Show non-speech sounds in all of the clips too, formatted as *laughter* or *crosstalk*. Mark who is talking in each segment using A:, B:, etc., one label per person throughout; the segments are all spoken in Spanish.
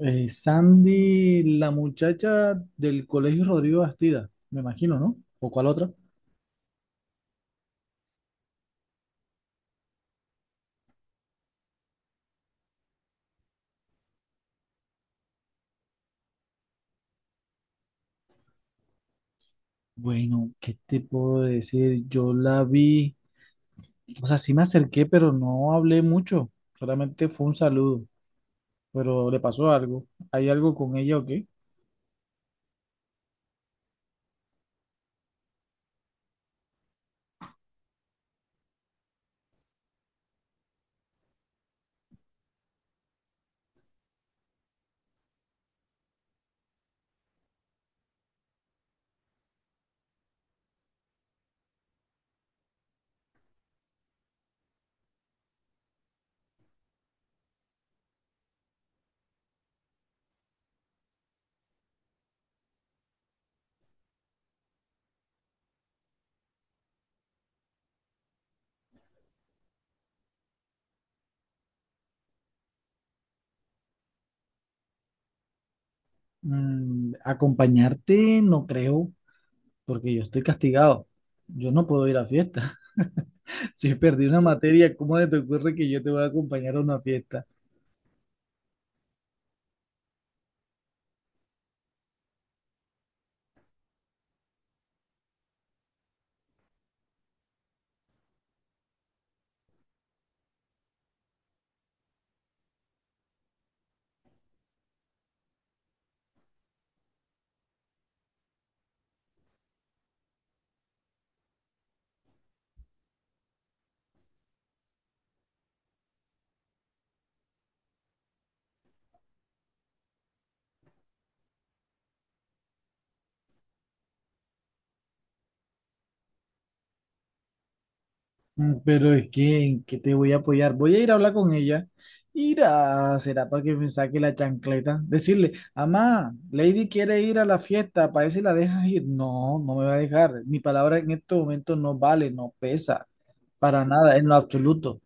A: Sandy, la muchacha del Colegio Rodrigo Bastida, me imagino, ¿no? ¿O cuál otra? Bueno, ¿qué te puedo decir? Yo la vi, o sea, sí me acerqué, pero no hablé mucho, solamente fue un saludo, pero le pasó algo. ¿Hay algo con ella o qué? Acompañarte no creo, porque yo estoy castigado. Yo no puedo ir a fiesta. *laughs* Si perdí una materia, ¿cómo te ocurre que yo te voy a acompañar a una fiesta? Pero es que, ¿en qué te voy a apoyar? Voy a ir a hablar con ella. Ir a, será para que me saque la chancleta. Decirle, mamá, Lady quiere ir a la fiesta, para si la dejas ir. No, no me va a dejar. Mi palabra en este momento no vale, no pesa, para nada, en lo absoluto.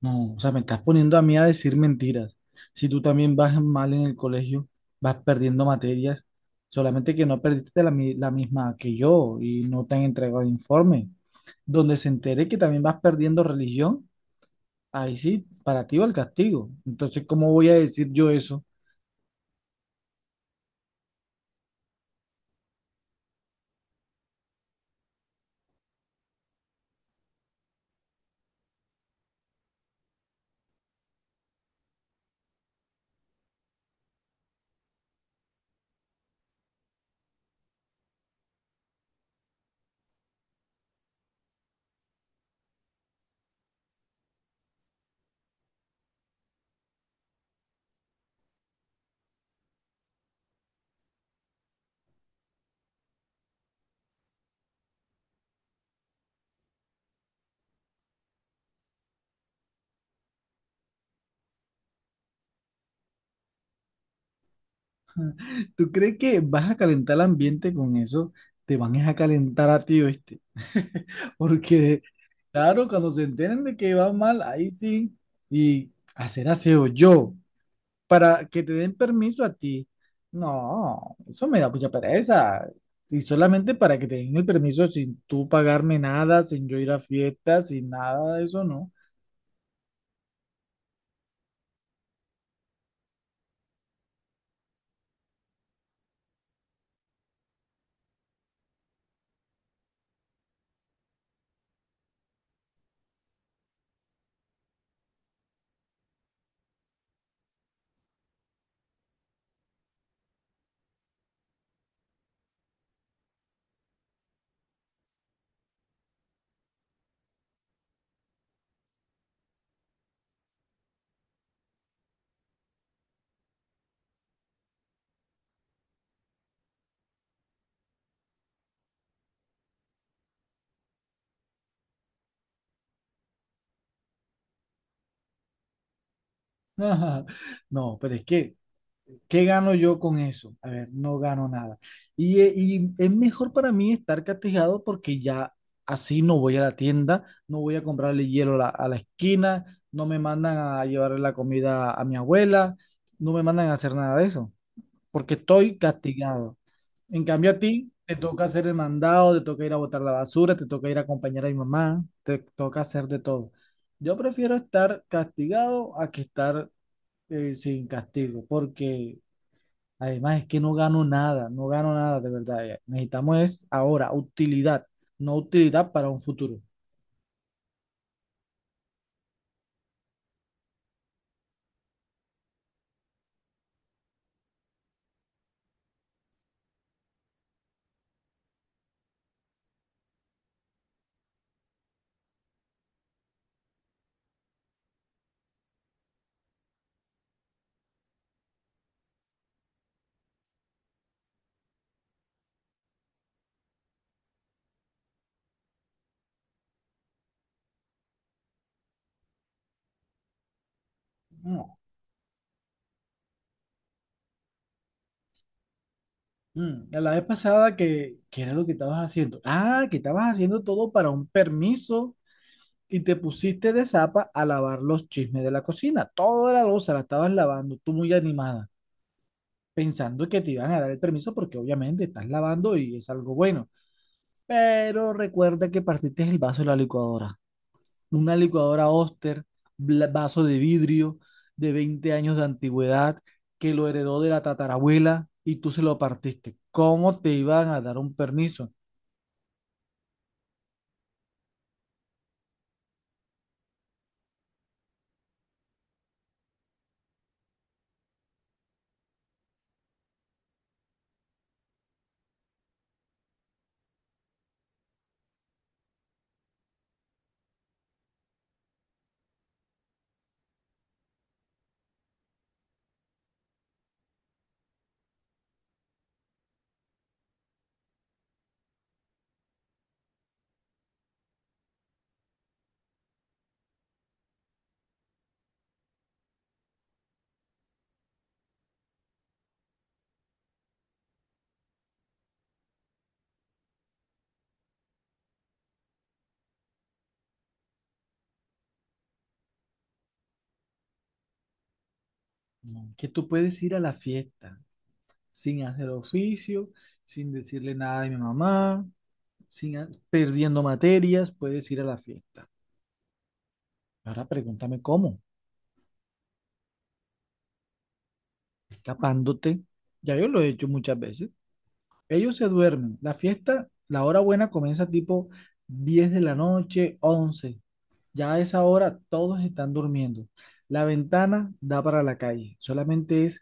A: No, o sea, me estás poniendo a mí a decir mentiras. Si tú también vas mal en el colegio, vas perdiendo materias, solamente que no perdiste la misma que yo y no te han entregado el informe. Donde se entere que también vas perdiendo religión, ahí sí, para ti va el castigo. Entonces, ¿cómo voy a decir yo eso? ¿Tú crees que vas a calentar el ambiente con eso? Te van a calentar a ti, ¿oíste? *laughs* Porque, claro, cuando se enteren de que va mal, ahí sí, y hacer aseo yo, para que te den permiso a ti. No, eso me da mucha pereza. Y solamente para que te den el permiso sin tú pagarme nada, sin yo ir a fiestas, sin nada de eso, no. *laughs* Ajá. No, pero es que, ¿qué gano yo con eso? A ver, no gano nada. Y es mejor para mí estar castigado porque ya así no voy a la tienda, no voy a comprarle hielo a a la esquina, no me mandan a llevarle la comida a mi abuela, no me mandan a hacer nada de eso, porque estoy castigado. En cambio a ti te toca hacer el mandado, te toca ir a botar la basura, te toca ir a acompañar a mi mamá, te toca hacer de todo. Yo prefiero estar castigado a que estar sin castigo, porque además es que no gano nada, no gano nada de verdad. Ya. Necesitamos es ahora utilidad, no utilidad para un futuro. No. La vez pasada que, ¿qué era lo que estabas haciendo? Ah, que estabas haciendo todo para un permiso y te pusiste de zapa a lavar los chismes de la cocina. Toda la loza la estabas lavando, tú muy animada, pensando que te iban a dar el permiso porque obviamente estás lavando y es algo bueno. Pero recuerda que partiste el vaso de la licuadora. Una licuadora Oster, vaso de vidrio de 20 años de antigüedad que lo heredó de la tatarabuela y tú se lo partiste. ¿Cómo te iban a dar un permiso? No, que tú puedes ir a la fiesta sin hacer oficio, sin decirle nada de mi mamá, sin a- perdiendo materias, puedes ir a la fiesta. Ahora pregúntame cómo, escapándote. Ya yo lo he hecho muchas veces. Ellos se duermen. La fiesta, la hora buena comienza tipo 10 de la noche, 11. Ya a esa hora todos están durmiendo. La ventana da para la calle. Solamente es,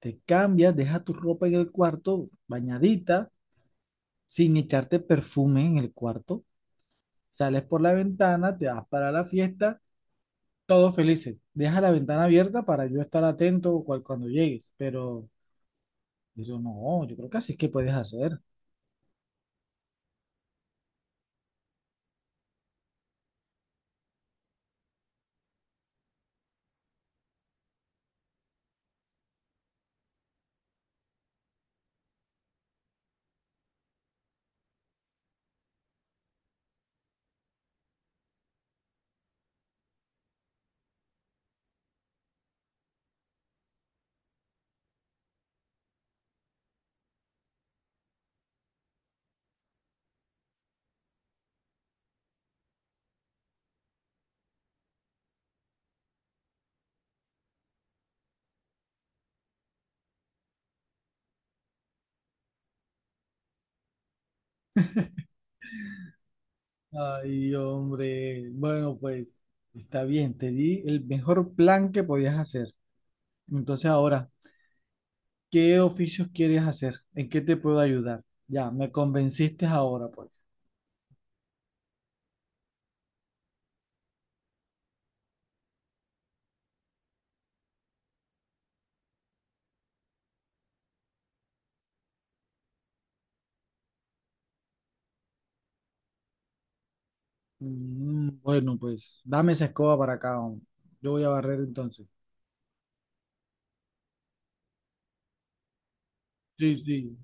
A: te cambias, deja tu ropa en el cuarto, bañadita, sin echarte perfume en el cuarto. Sales por la ventana, te vas para la fiesta, todos felices. Deja la ventana abierta para yo estar atento cuando llegues. Pero eso no, yo creo que así es que puedes hacer. Ay, hombre, bueno, pues está bien, te di el mejor plan que podías hacer. Entonces ahora, ¿qué oficios quieres hacer? ¿En qué te puedo ayudar? Ya, me convenciste ahora, pues. Bueno, pues dame esa escoba para acá, hombre. Yo voy a barrer entonces. Sí, sí,